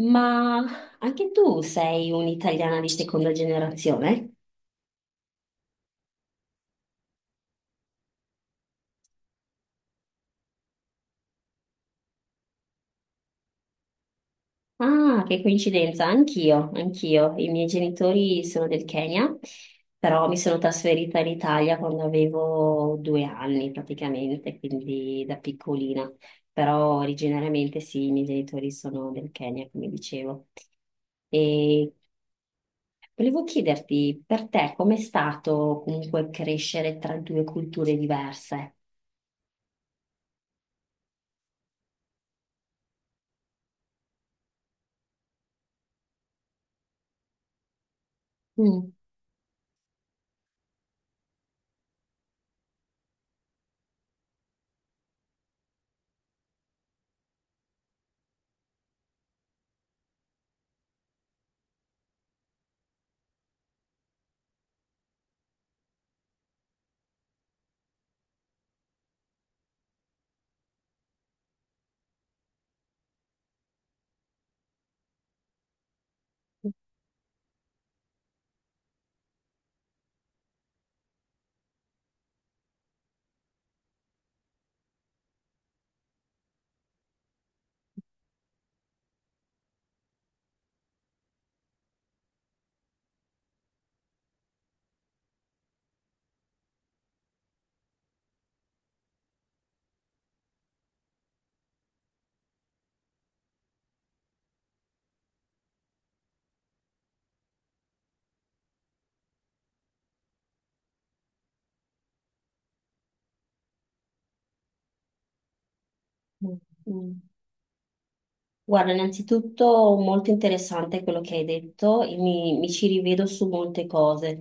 Ma anche tu sei un'italiana di seconda generazione? Ah, che coincidenza, anch'io. I miei genitori sono del Kenya, però mi sono trasferita in Italia quando avevo due anni praticamente, quindi da piccolina. Però originariamente sì, i miei genitori sono del Kenya, come dicevo. E volevo chiederti, per te, com'è stato comunque crescere tra due culture diverse? Mm, mm, mm. Guarda, innanzitutto molto interessante quello che hai detto e mi ci rivedo su molte cose.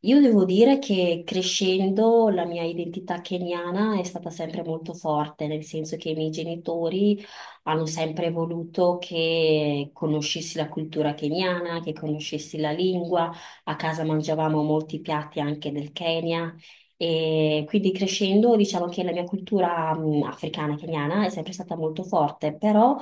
Io devo dire che crescendo la mia identità keniana è stata sempre molto forte, nel senso che i miei genitori hanno sempre voluto che conoscessi la cultura keniana, che conoscessi la lingua. A casa mangiavamo molti piatti anche del Kenya. E quindi crescendo, diciamo che la mia cultura, africana, keniana è sempre stata molto forte, però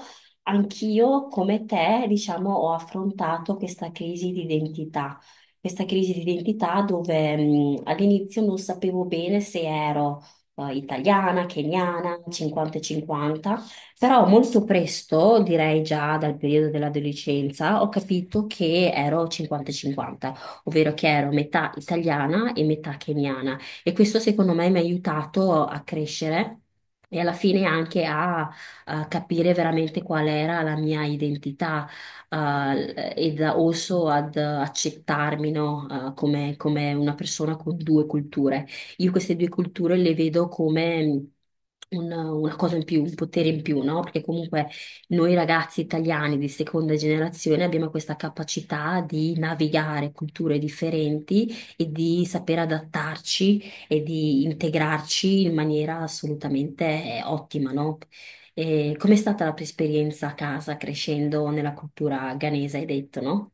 anch'io, come te, diciamo, ho affrontato questa crisi di identità, questa crisi di identità dove all'inizio non sapevo bene se ero italiana, keniana, 50 e 50, però molto presto, direi già dal periodo dell'adolescenza, ho capito che ero 50 e 50, ovvero che ero metà italiana e metà keniana e questo secondo me mi ha aiutato a crescere. E alla fine anche a capire veramente qual era la mia identità ed also ad accettarmi, no? Come una persona con due culture. Io queste due culture le vedo come una cosa in più, un potere in più, no? Perché comunque noi ragazzi italiani di seconda generazione abbiamo questa capacità di navigare culture differenti e di saper adattarci e di integrarci in maniera assolutamente ottima, no? E com'è stata la tua esperienza a casa crescendo nella cultura ghanese, hai detto, no?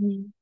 Mm,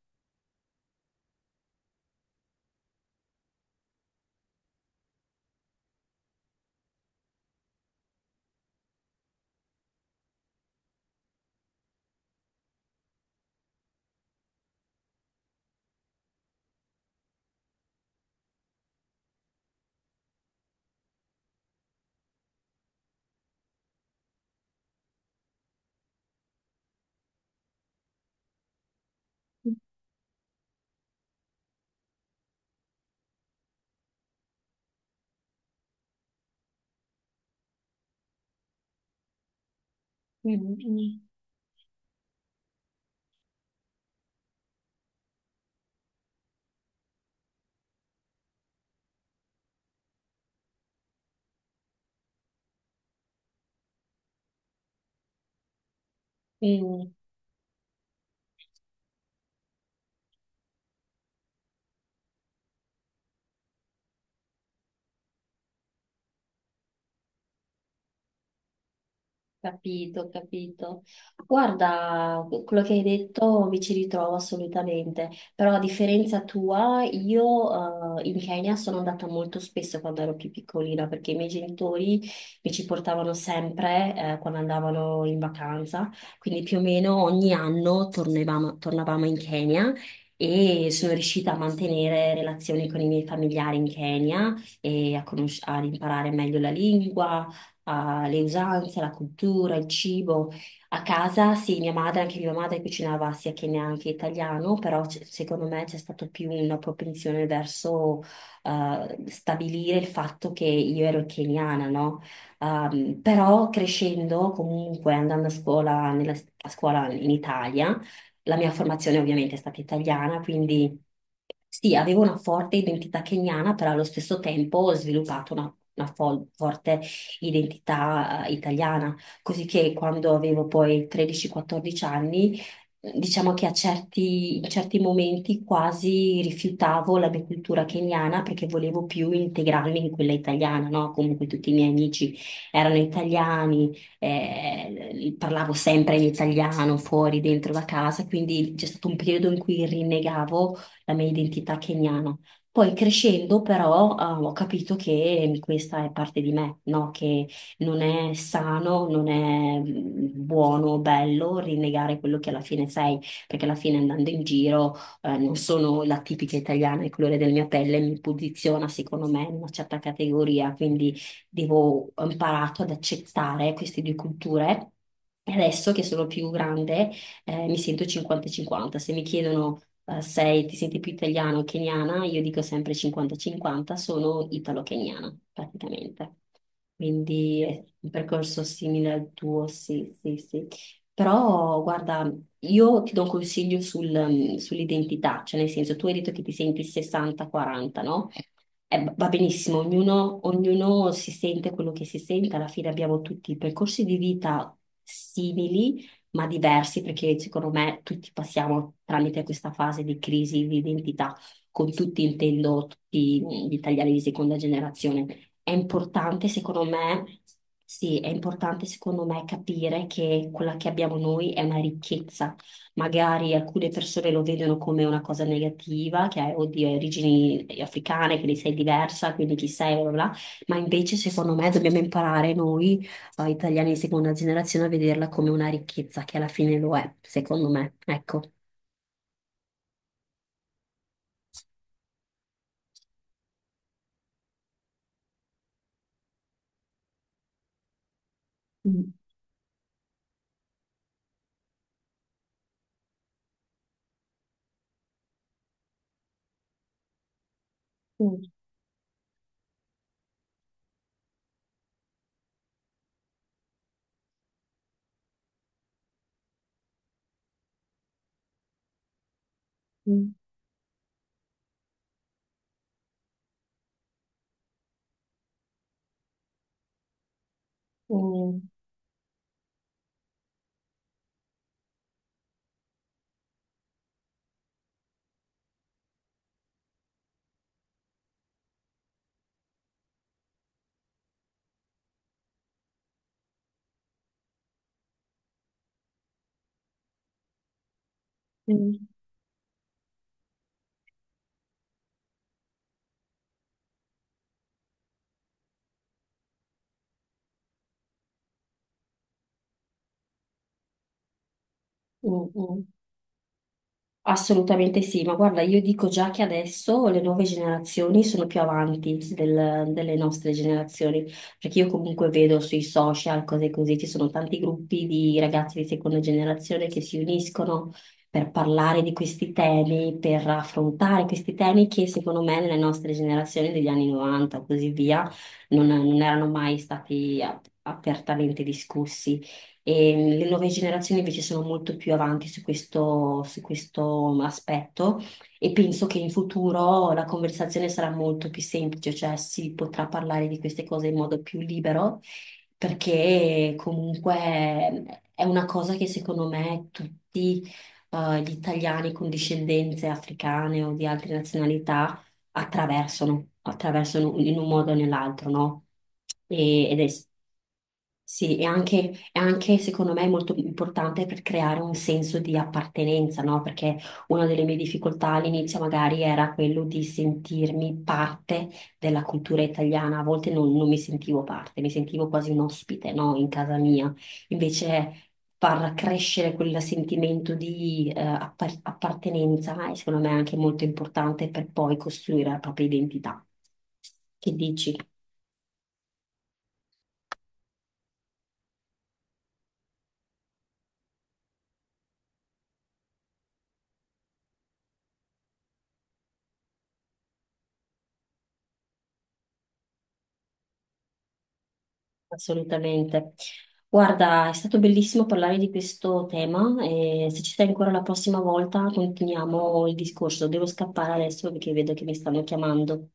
mm, mm. Mm. Capito, capito. Guarda, quello che hai detto mi ci ritrovo assolutamente, però a differenza tua, io in Kenya sono andata molto spesso quando ero più piccolina perché i miei genitori mi ci portavano sempre quando andavano in vacanza, quindi più o meno ogni anno tornavamo in Kenya e sono riuscita a mantenere relazioni con i miei familiari in Kenya e a ad imparare meglio la lingua alle usanze, alla cultura, al cibo. A casa, sì, anche mia madre cucinava sia che neanche italiano, però secondo me c'è stata più una propensione verso stabilire il fatto che io ero keniana, no? Però crescendo, comunque andando a scuola, a scuola in Italia, la mia formazione ovviamente è stata italiana, quindi sì, avevo una forte identità keniana, però allo stesso tempo ho sviluppato una forte identità italiana, così che quando avevo poi 13-14 anni, diciamo che in certi momenti quasi rifiutavo la mia cultura keniana perché volevo più integrarmi in quella italiana, no? Comunque tutti i miei amici erano italiani, parlavo sempre in italiano fuori, dentro la casa, quindi c'è stato un periodo in cui rinnegavo la mia identità keniana. Poi crescendo però ho capito che questa è parte di me, no? Che non è sano, non è buono, bello rinnegare quello che alla fine sei, perché alla fine andando in giro non sono la tipica italiana, il colore della mia pelle mi posiziona secondo me in una certa categoria, quindi ho imparato ad accettare queste due culture. E adesso che sono più grande, mi sento 50-50. Se mi chiedono, ti senti più italiana o keniana, io dico sempre 50-50, sono italo-keniana praticamente. Quindi è un percorso simile al tuo, sì. Però guarda, io ti do un consiglio sull'identità, cioè nel senso tu hai detto che ti senti 60-40, no? Va benissimo, ognuno si sente quello che si sente, alla fine abbiamo tutti percorsi di vita simili ma diversi, perché secondo me tutti passiamo tramite questa fase di crisi di identità, con tutti intendo tutti gli italiani di seconda generazione. È importante, secondo me, sì, è importante, secondo me, capire che quella che abbiamo noi è una ricchezza. Magari alcune persone lo vedono come una cosa negativa, che hai, oddio, hai origini africane, quindi sei diversa, quindi chi sei, bla bla, bla. Ma invece, secondo me, dobbiamo imparare noi o italiani di seconda generazione a vederla come una ricchezza, che alla fine lo è, secondo me. Ecco. Mm, mm, mm, mm, mm, mm, mm. Assolutamente sì, ma guarda, io dico già che adesso le nuove generazioni sono più avanti delle nostre generazioni, perché io comunque vedo sui social cose così, ci sono tanti gruppi di ragazzi di seconda generazione che si uniscono per parlare di questi temi, per affrontare questi temi che secondo me nelle nostre generazioni degli anni 90 o così via non erano mai stati apertamente discussi. E le nuove generazioni invece sono molto più avanti su questo aspetto e penso che in futuro la conversazione sarà molto più semplice, cioè si potrà parlare di queste cose in modo più libero, perché comunque è una cosa che secondo me tutti gli italiani con discendenze africane o di altre nazionalità attraversano in un modo o nell'altro, no? Ed è, sì, è anche, secondo me molto importante per creare un senso di appartenenza, no? Perché una delle mie difficoltà all'inizio magari era quello di sentirmi parte della cultura italiana, a volte non mi sentivo parte, mi sentivo quasi un ospite, no? In casa mia. Invece far crescere quel sentimento di appartenenza e secondo me è anche molto importante per poi costruire la propria identità. Che dici? Assolutamente. Guarda, è stato bellissimo parlare di questo tema e se ci sei ancora la prossima volta continuiamo il discorso. Devo scappare adesso perché vedo che mi stanno chiamando.